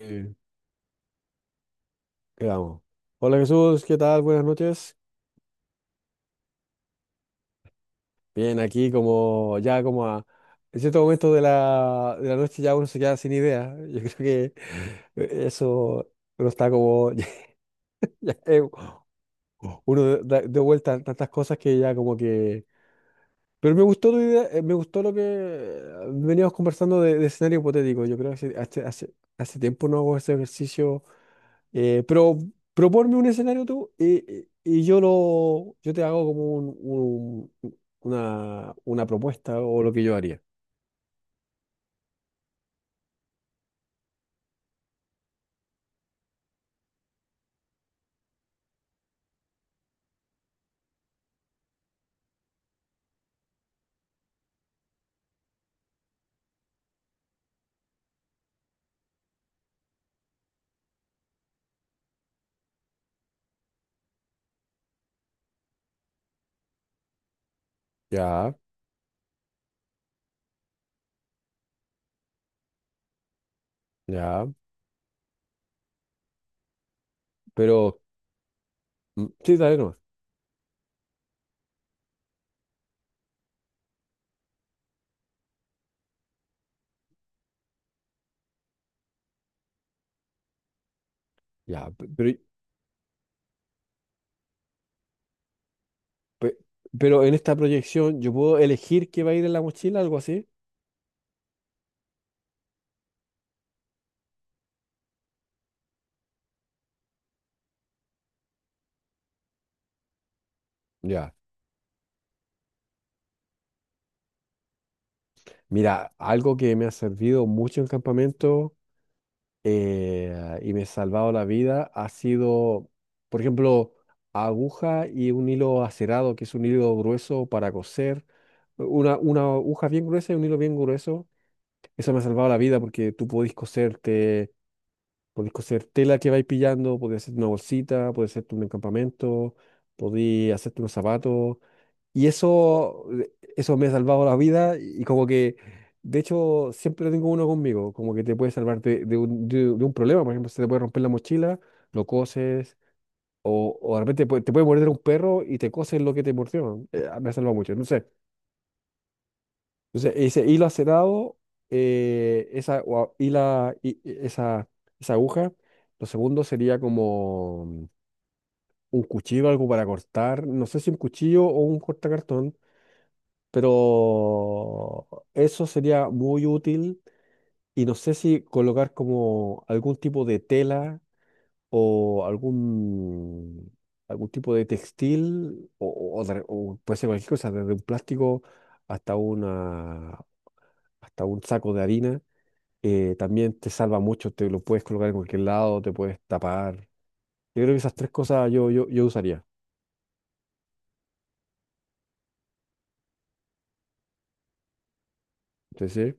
Eh, Quedamos. Hola Jesús, ¿qué tal? Buenas noches. Bien, aquí como ya como a en cierto momento de la noche ya uno se queda sin idea. Yo creo que eso uno está como ya, uno de vuelta a tantas cosas que ya como que. Pero me gustó tu idea, me gustó lo que veníamos conversando de escenario hipotético. Yo creo que hace tiempo no hago ese ejercicio. Pero proponme un escenario tú y yo te hago como una propuesta o lo que yo haría. Ya, ya, pero sí, dale nomás. Ya, pe- pero en esta proyección yo puedo elegir qué va a ir en la mochila, algo así. Ya. Mira, algo que me ha servido mucho en campamento y me he salvado la vida ha sido, por ejemplo, aguja y un hilo acerado, que es un hilo grueso para coser. Una aguja bien gruesa y un hilo bien grueso. Eso me ha salvado la vida porque tú podés coserte, podés coser tela que vais pillando, podés hacer una bolsita, podés hacerte un encampamento, podés hacerte unos zapatos. Y eso me ha salvado la vida y como que, de hecho, siempre tengo uno conmigo, como que te puede salvar de un problema, por ejemplo, se te puede romper la mochila, lo coses, o de repente te puede morder un perro y te coses lo que te mordió. Me ha salvado mucho, no sé. Entonces, ese hilo acerado, esa, o a- hila- i- i- esa aguja, lo segundo sería como un cuchillo, algo para cortar, no sé si un cuchillo o un cortacartón. Pero eso sería muy útil y no sé si colocar como algún tipo de tela o algún tipo de textil o puede ser cualquier cosa, desde un plástico hasta una, hasta un saco de harina. También te salva mucho, te lo puedes colocar en cualquier lado, te puedes tapar. Yo creo que esas tres cosas yo usaría. Entonces,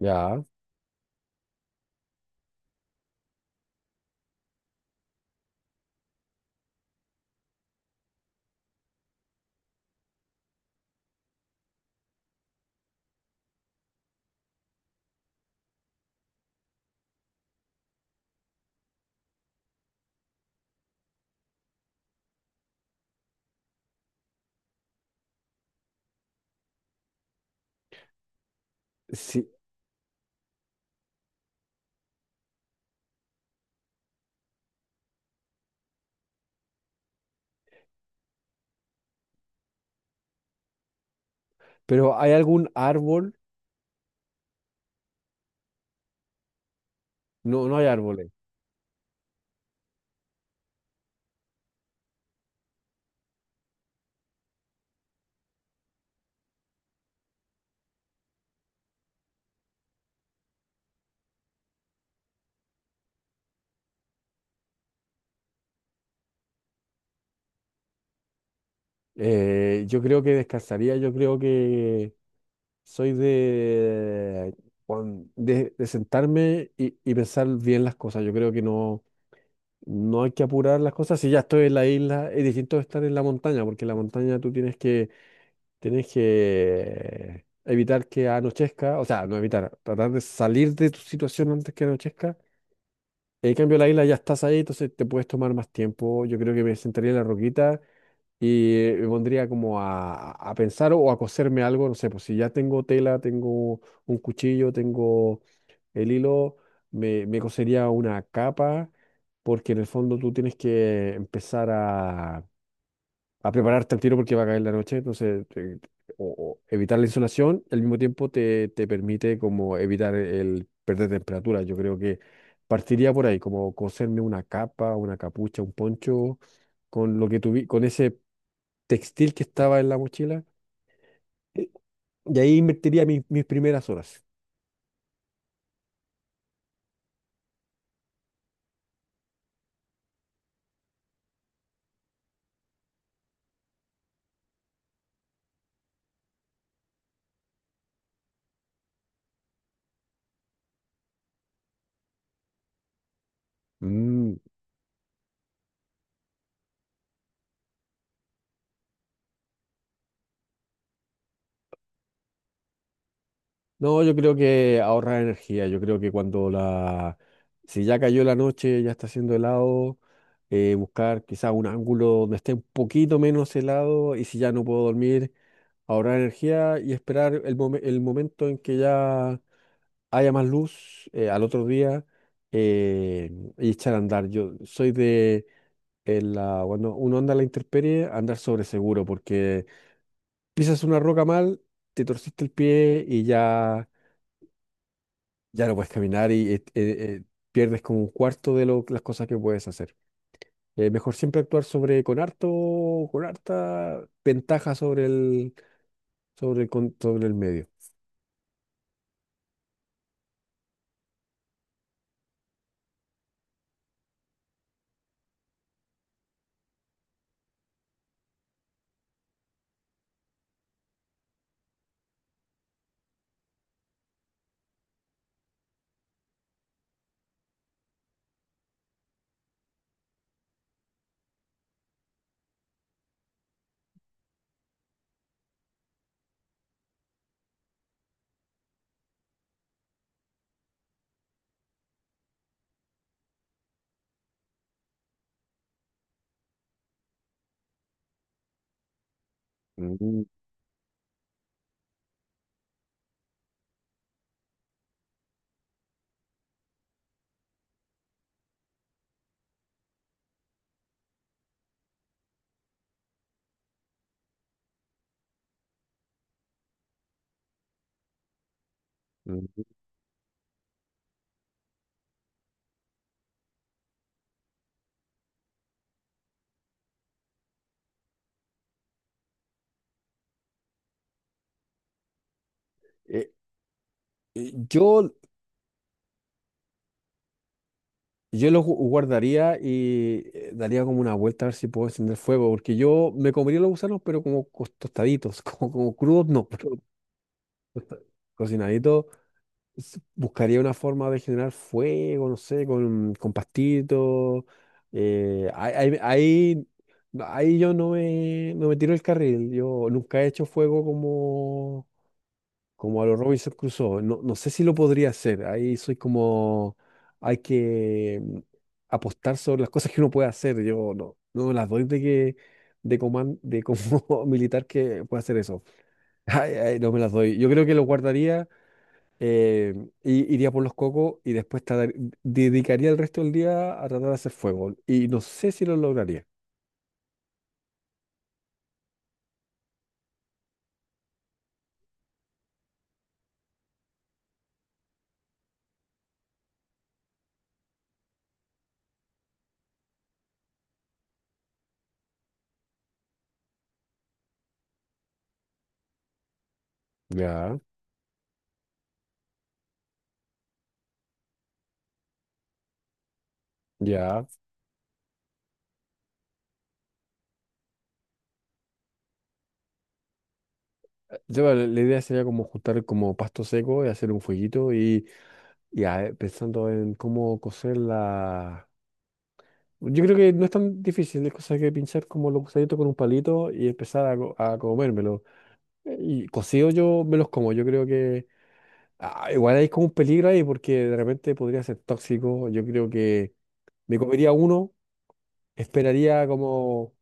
ya. Sí. Pero ¿hay algún árbol? No, no hay árboles. Yo creo que descansaría, yo creo que soy de sentarme y pensar bien las cosas. Yo creo que no, no hay que apurar las cosas. Si ya estoy en la isla, es distinto de estar en la montaña, porque en la montaña tú tienes que evitar que anochezca, o sea, no evitar, tratar de salir de tu situación antes que anochezca. En cambio, la isla ya estás ahí, entonces te puedes tomar más tiempo. Yo creo que me sentaría en la roquita y me pondría como a pensar o a coserme algo. No sé, pues si ya tengo tela, tengo un cuchillo, tengo el hilo, me cosería una capa, porque en el fondo tú tienes que empezar a prepararte al tiro porque va a caer la noche, entonces o evitar la insolación, al mismo tiempo te permite como evitar el perder temperatura. Yo creo que partiría por ahí, como coserme una capa, una capucha, un poncho, con ese textil que estaba en la mochila, eh, y ahí invertiría mis primeras horas. Mm. No, yo creo que ahorrar energía, yo creo que cuando la. Si ya cayó la noche, ya está haciendo helado. Buscar quizá un ángulo donde esté un poquito menos helado y si ya no puedo dormir, ahorrar energía y esperar el momento en que ya haya más luz, al otro día, eh, y echar a andar. Yo soy de cuando uno anda a la intemperie, andar sobre seguro porque pisas una roca mal, te torciste el pie y ya, ya no puedes caminar y pierdes como un cuarto de las cosas que puedes hacer. Mejor siempre actuar sobre con harto, con harta ventaja sobre el medio. Mm, mm. Eh, eh, yo, yo los guardaría y daría como una vuelta a ver si puedo encender fuego, porque yo me comería los gusanos, pero como tostaditos, como crudos, no, pero tosta- cocinaditos. Buscaría una forma de generar fuego, no sé, con, pastitos. eh, ahí, ahí, ahí- no, ahí yo no me tiro el carril. Yo nunca he hecho fuego como a los Robinson Crusoe. No, no sé si lo podría hacer. Ahí soy como, hay que apostar sobre las cosas que uno puede hacer. Yo no, no me las doy de que. De como militar que pueda hacer eso. Ay, ay, no me las doy. Yo creo que lo guardaría, eh, y iría por los cocos y después dedicaría el resto del día a tratar de hacer fuego. Y no sé si lo lograría. Ya, ya. La idea sería como juntar como pasto seco y hacer un fueguito pensando en cómo cocer la. Yo creo que no es tan difícil, es cosa que pinchar como los gusanitos con un palito y empezar a comérmelo. Y cocido yo me los como, yo creo que. Ah, igual hay como un peligro ahí porque de repente podría ser tóxico. Yo creo que me comería uno, esperaría como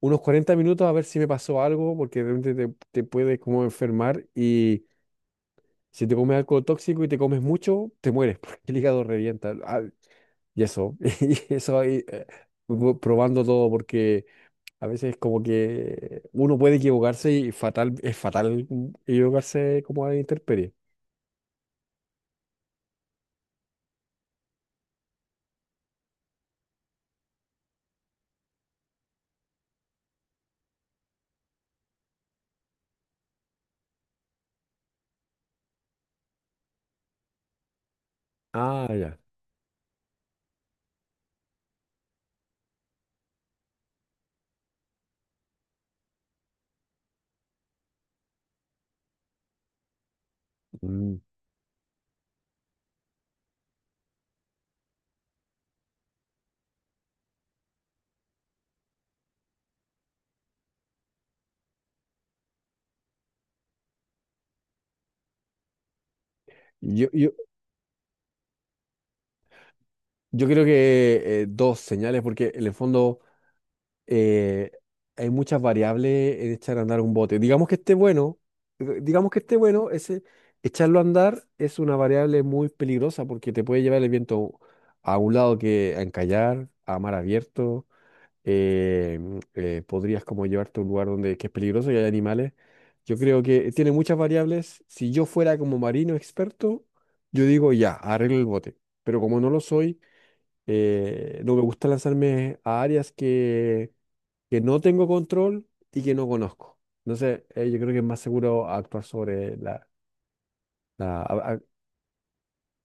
unos 40 minutos a ver si me pasó algo, porque de repente te puedes como enfermar y si te comes algo tóxico y te comes mucho, te mueres porque el hígado revienta. Ah, y eso, y eso ahí, probando todo porque a veces como que uno puede equivocarse y fatal, es fatal, equivocarse como a la intemperie. Ah, ya. Mm. Yo, yo, yo creo que dos señales, porque en el fondo eh, hay muchas variables en echar a andar un bote. Digamos que esté bueno, digamos que esté bueno, ese echarlo a andar es una variable muy peligrosa porque te puede llevar el viento a un lado que a encallar, a mar abierto. eh, podrías como llevarte a un lugar donde que es peligroso y hay animales. Yo creo que tiene muchas variables. Si yo fuera como marino experto, yo digo ya, arreglo el bote. Pero como no lo soy, no me gusta lanzarme a áreas que, no tengo control y que no conozco. Entonces, yo creo que es más seguro actuar sobre la. la- a- a-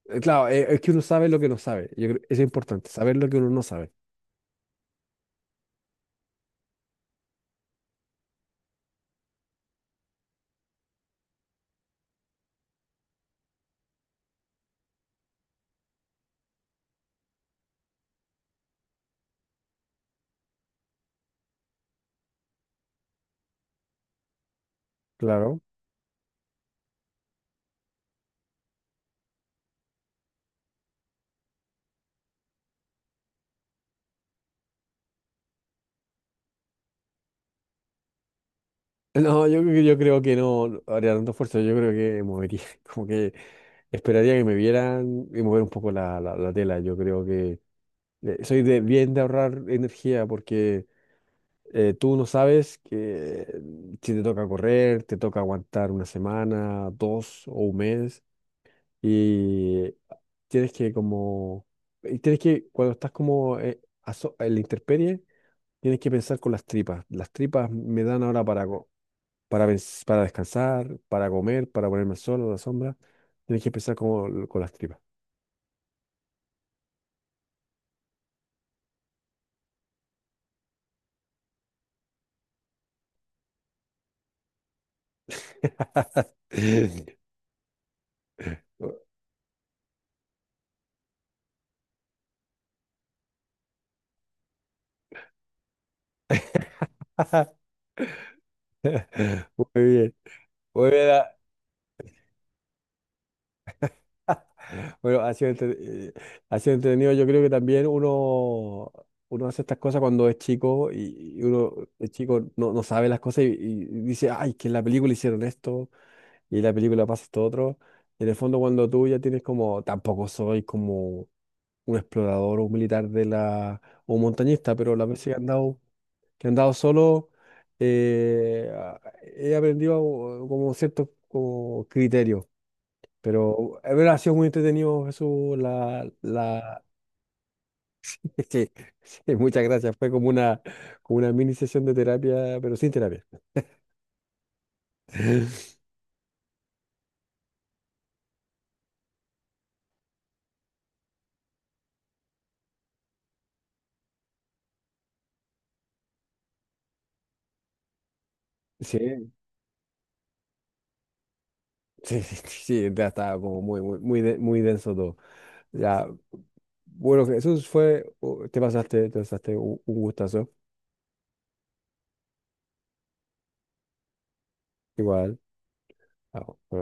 claro, es que uno sabe lo que no sabe. Eso es importante, saber lo que uno no sabe. Claro. No, yo creo que no haría tanto esfuerzo. Yo creo que movería, como que esperaría que me vieran y mover un poco la tela. Yo creo que soy bien de ahorrar energía porque. Tú no sabes que si te toca correr, te toca aguantar una semana, dos o un mes, y tienes que como, y tienes que, cuando estás como en la intemperie, tienes que pensar con las tripas. Las tripas me dan ahora para descansar, para comer, para ponerme al sol, a la sombra. Tienes que pensar con las tripas. Muy bien. Muy bien. Bueno, ha sido entretenido. Yo creo que también uno hace estas cosas cuando es chico y uno es chico, no sabe las cosas y dice, ay, que en la película hicieron esto y en la película pasa esto otro. Y en el fondo, cuando tú ya tienes como, tampoco soy como un explorador o un militar o un montañista, pero las veces que he andado, solo, eh, a- he aprendido como cierto como criterio. Pero bueno, ha sido muy entretenido, Jesús. Sí, sí, muchas gracias. Fue como una mini sesión de terapia, pero sin terapia. Sí, sí, sí, sí, ya estaba como muy, muy, muy, muy denso todo. Ya, bueno, Jesús fue, te pasaste un gustazo, igual. Ah, bueno.